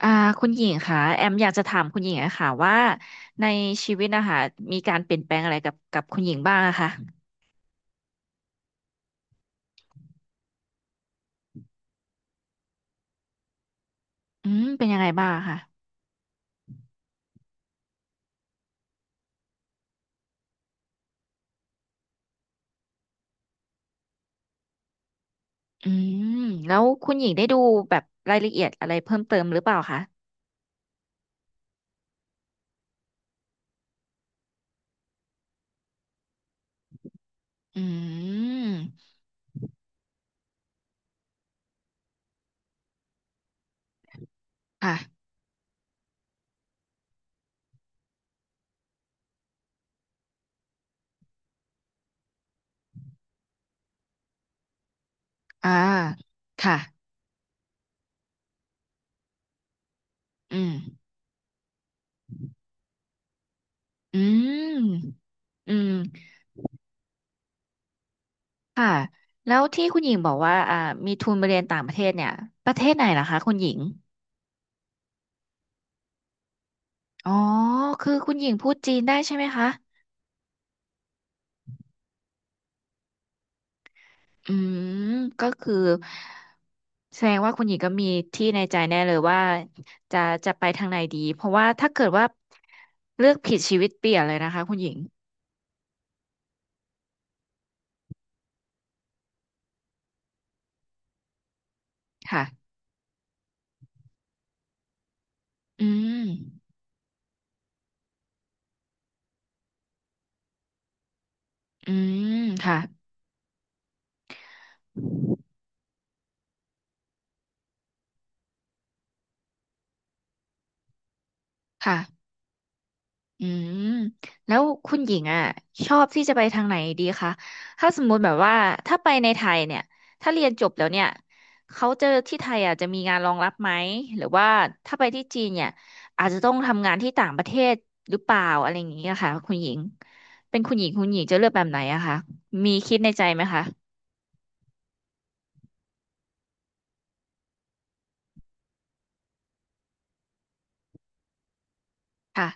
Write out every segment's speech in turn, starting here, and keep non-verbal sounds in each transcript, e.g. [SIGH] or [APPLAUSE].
อ่าคุณหญิงค่ะแอมอยากจะถามคุณหญิงอะค่ะว่าในชีวิตนะคะมีการเปลี่ยนแปลงอะไรกับคุณหญิงบ้างอะคะเป็นยังไงบ้างอะค่ะอืมแล้วคุณหญิงได้ดูแบบรายละเอียดอะไรเพิ่มเติมหรือเปล่าคะอืมค่ะอ่าค่ะอืมอืมอืมค่ะแล้วที่คุณหญิงบอกว่ามีทุนไปเรียนต่างประเทศเนี่ยประเทศไหนล่ะคะคุณหญิงอ๋อคือคุณหญิงพูดจีนได้ใช่ไหมคะ อืมก็คือแสดงว่าคุณหญิงก็มีที่ในใจแน่เลยว่าจะจะไปทางไหนดีเพราะว่าถ้าเกิดว่าเลือกผิดชีวิตเปลี่ยนเลยนะคะคุณหญิงค่ะอืมอืมค่ะค่ะ อืมแล้วคุณหญิงอ่ะชอบที่จะไปทางไหนดีคะถ้าสมมุติแบบว่าถ้าไปในไทยเนี่ยถ้าเรียนจบแล้วเนี่ยเขาจะที่ไทยอ่ะจะมีงานรองรับไหมหรือว่าถ้าไปที่จีนเนี่ยอาจจะต้องทำงานที่ต่างประเทศหรือเปล่าอะไรอย่างเงี้ยค่ะคุณหญิงเป็นคุณหญิงคุณหญิงจะเลือกแบบไหนอะคะมีคิดในใจไหมคะค่ะ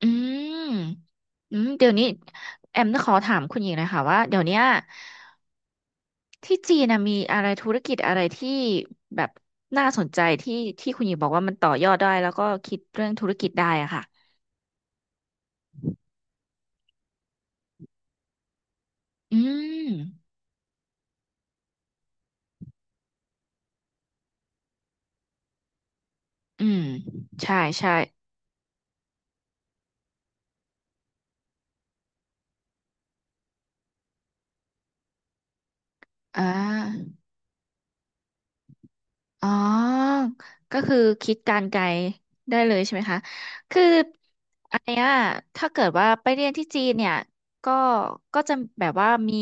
อืมอืมเดี๋ยวนี้แอมจะขอถามคุณหญิงหนะคะว่าเดี๋ยวเนี้ย ที่จีนนะมีอะไรธุรกิจอะไรที่แบบน่าสนใจที่ที่คุณหญิงบอกว่ามันต่อยอดได้แล้วก็คิดเรื่องธุรกิจได้อะค่ะอืมอืมใช่ ใช่อ่า อ๋อก็คือคิดการไกลได้เลยใช่ไหมคะคืออันเนี้ยถ้าเกิดว่าไปเรียนที่จีนเนี่ยก็ก็จะแบบว่ามี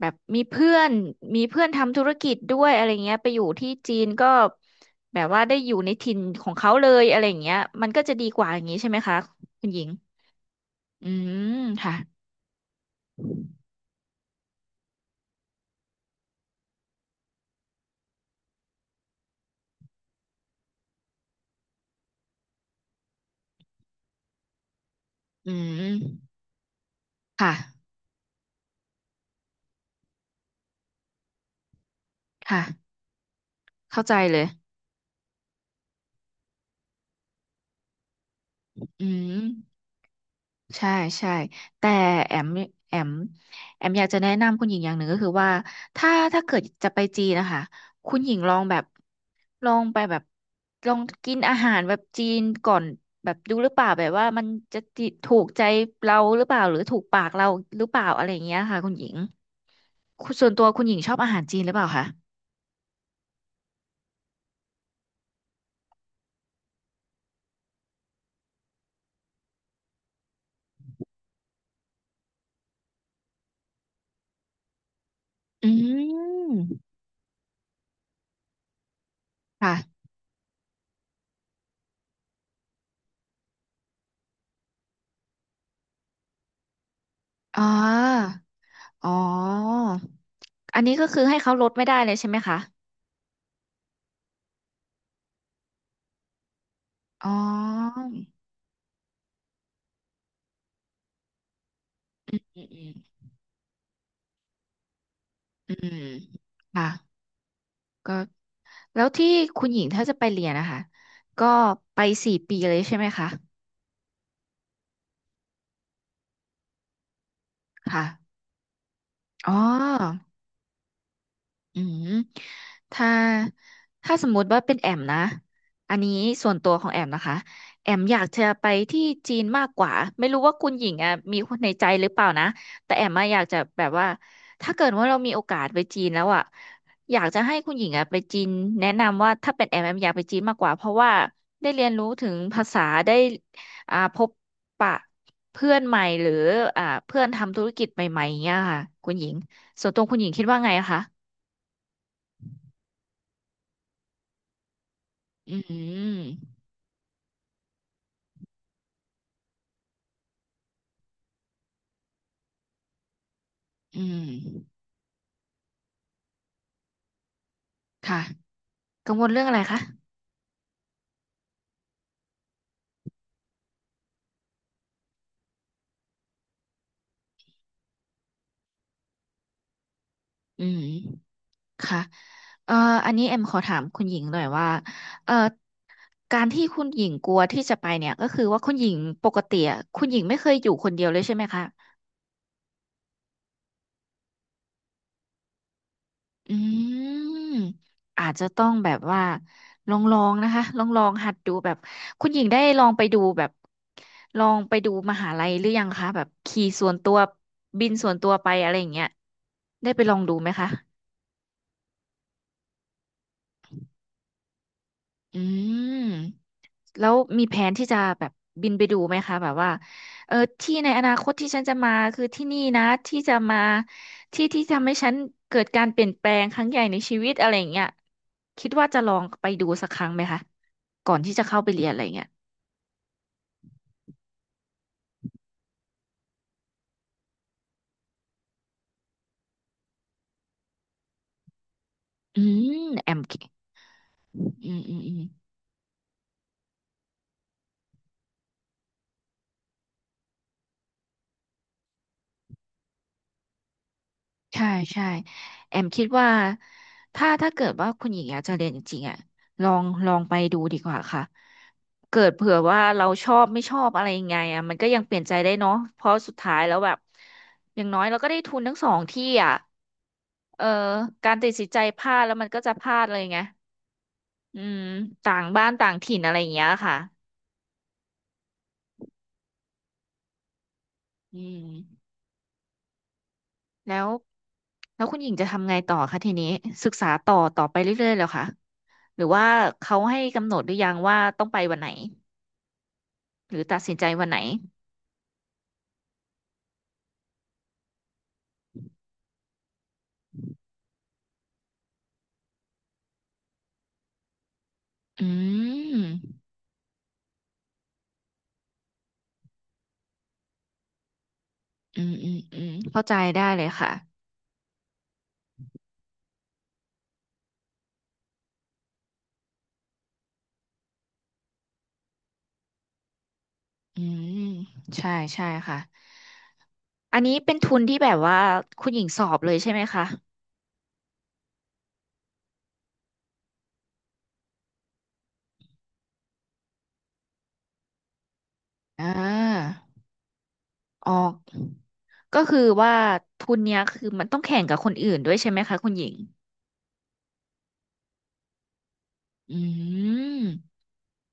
แบบมีเพื่อนทำธุรกิจด้วยอะไรเงี้ย ไปอยู่ที่จีนก็ แบบว่าได้อยู่ในถิ่นของเขาเลยอะไรเงี้ยมันก็จะดีกว่าอย่างนี้ใช่ไหมคะคุณหญิง อืมค่ะอืมค่ะค่ะ เข้าใจเลย อืม ใช่ใช่แต่แอมแอมแอมอยากจะแนะนำคุณหญิงอย่างหนึ่งก็คือว่าถ้าเกิดจะไปจีนนะคะคุณหญิงลองแบบลองไปแบบลองกินอาหารแบบจีนก่อนแบบดูหรือเปล่าแบบว่ามันจะติถูกใจเราหรือเปล่าหรือถูกปากเราหรือเปล่าอะไรอย่างเงี้ยค่ะคุณหญิงคุณส่วนตัวคุณหญิงชอบอาหารจีนหรือเปล่าคะอืมค่ะอ๋ออ๋ออันนี้ก็คือให้เขาลดไม่ได้เลยใช่ไหมคะอ๋ออืม อืมค่ะก็แล้วที่คุณหญิงถ้าจะไปเรียนนะคะก็ไป4 ปีเลยใช่ไหมคะค่ะอ๋อ อืมถ้าถ้าสมมุติว่าเป็นแอมนะอันนี้ส่วนตัวของแอมนะคะแอมอยากจะไปที่จีนมากกว่าไม่รู้ว่าคุณหญิงอ่ะมีคนในใจหรือเปล่านะแต่แอมอะอยากจะแบบว่าถ้าเกิดว่าเรามีโอกาสไปจีนแล้วอ่ะอยากจะให้คุณหญิงอ่ะไปจีนแนะนำว่าถ้าเป็นแอมแอมอยากไปจีนมากกว่าเพราะว่าได้เรียนรู้ถึงภาษาได้อ่าพบปะเพื่อนใหม่หรืออ่าเพื่อนทำธุรกิจใหม่ๆอย่างเงี้ยค่ะคุณหญิงส่วนตัวคุณหญิงคิดว่าไงอะคะ อืมอืมค่ะกังวลเรื่องอะไรคะอืมค่ะเอ่ออันนี้เอ็มขอถามคุณหญิงหน่อยว่าเอ่อการที่คุณหญิงกลัวที่จะไปเนี่ยก็คือว่าคุณหญิงปกติอะคุณหญิงไม่เคยอยู่คนเดียวเลยใช่ไหมคะอืมอาจจะต้องแบบว่าลองลองนะคะลองลองหัดดูแบบคุณหญิงได้ลองไปดูแบบลองไปดูมหาลัยหรือยังคะแบบขี่ส่วนตัวบินส่วนตัวไปอะไรอย่างเงี้ยได้ไปลองดูไหมคะ อืมแล้วมีแผนที่จะแบบบินไปดูไหมคะแบบว่าเออที่ในอนาคตที่ฉันจะมาคือที่นี่นะที่จะมาที่ที่ทำให้ฉันเกิดการเปลี่ยนแปลงครั้งใหญ่ในชีวิตอะไรอย่างเงี้ยคิดว่าจะลองไปดูสักครั้งไหมคะก่อนที่จะเข้าไปเรียนอะไรอย่างเงี้ยอืมแอมอืมอืมอืม ใช่ใช่แอมคิดว่าถ้าเกิดว่าคุณหญิงอยากจะเรียนจริงๆอ่ะลองไปดูดีกว่าค่ะเกิดเผื่อว่าเราชอบไม่ชอบอะไรยังไงอ่ะมันก็ยังเปลี่ยนใจได้เนาะเพราะสุดท้ายแล้วแบบอย่างน้อยเราก็ได้ทุนทั้งสองที่อ่ะเออการตัดสินใจพลาดแล้วมันก็จะพลาดเลยไงอืมต่างบ้านต่างถิ่นอะไรอย่างเงี้ยค่ะอืมแล้วแล้วคุณหญิงจะทำไงต่อคะทีนี้ศึกษาต่อต่อไปเรื่อยๆแล้วค่ะ หรือว่าเขาให้กำหนดหรือยังว่าต้องไปวันไหนหรือตัดสินใจวันไหนอืมอืมอืมอืมเข้าใจได้เลยค่ะอืมใช่ใช่ค่ะอันนี้เป็นทุนที่แบบว่าคุณหญิงสอบเลยใช่ไหมคะอ่าออกก็คือว่าทุนเนี้ยคือมันต้องแข่งกับคนอื่นด้วยใช่ไหมคะคุณหญิงอืม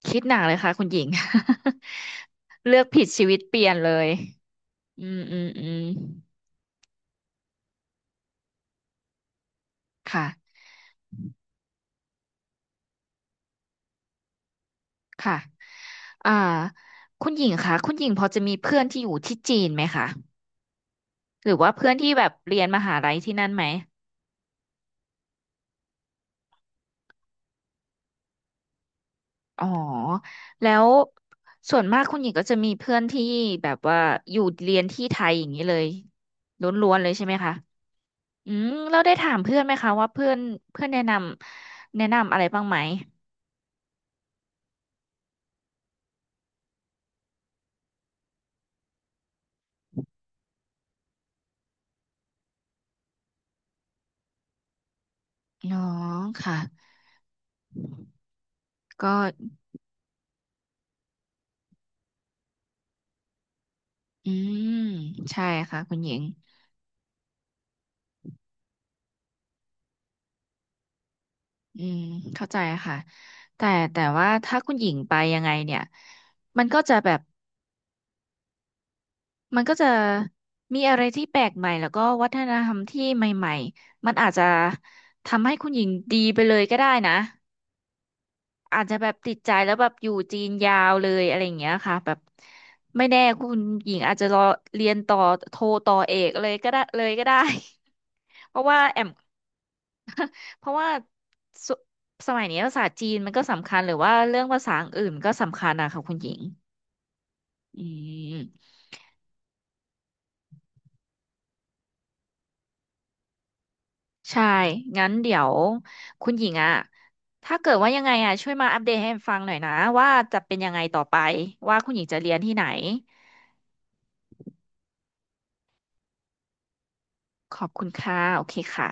คิดหนักเลยค่ะคุณหญิง [LAUGHS] เลือกผิดชีวิตเปลี่ยนเลยอืมอืมอืมค่ะ ค่ะอ่าคุณหญิงคะคุณหญิงพอจะมีเพื่อนที่อยู่ที่จีนไหมคะหรือว่าเพื่อนที่แบบเรียนมหาลัยที่นั่นไหมอ๋อแล้วส่วนมากคุณหญิงก็จะมีเพื่อนที่แบบว่าอยู่เรียนที่ไทยอย่างนี้เลยล้วนๆเลยใช่ไหมคะเราได้ถามเพื่อนไหมคะว่าเพื่อนเพื่อนแนะนำอะไรบ้างไหมอ๋อค่ะก็อืมใช่ค่ะคุณหญิง อืมเข้าใจค่ะแต่แต่ว่าถ้าคุณหญิงไปยังไงเนี่ยมันก็จะแบบมันก็จะมีอะไรที่แปลกใหม่แล้วก็วัฒนธรรมที่ใหม่ๆมันอาจจะทำให้คุณหญิงดีไปเลยก็ได้นะ อาจจะแบบติดใจแล้วแบบอยู่จีนยาวเลยอะไรอย่างเงี้ยค่ะแบบไม่แน่คุณหญิงอาจจะรอเรียนต่อโทต่อเอกเลยก็ได้ [LAUGHS] เลยก็ได้ [LAUGHS] เพราะว่าแอม [LAUGHS] เพราะว่าสสมัยนี้ภาษาจีนมันก็สำคัญหรือว่าเรื่องภาษาอื่นก็สำคัญนะคะคุณหญิงอืมใช่งั้นเดี๋ยวคุณหญิงอะถ้าเกิดว่ายังไงอะช่วยมาอัปเดตให้แอมฟังหน่อยนะว่าจะเป็นยังไงต่อไปว่าคุณหญิงจะเรียนที่ไหน ขอบคุณค่ะ โอเคค่ะ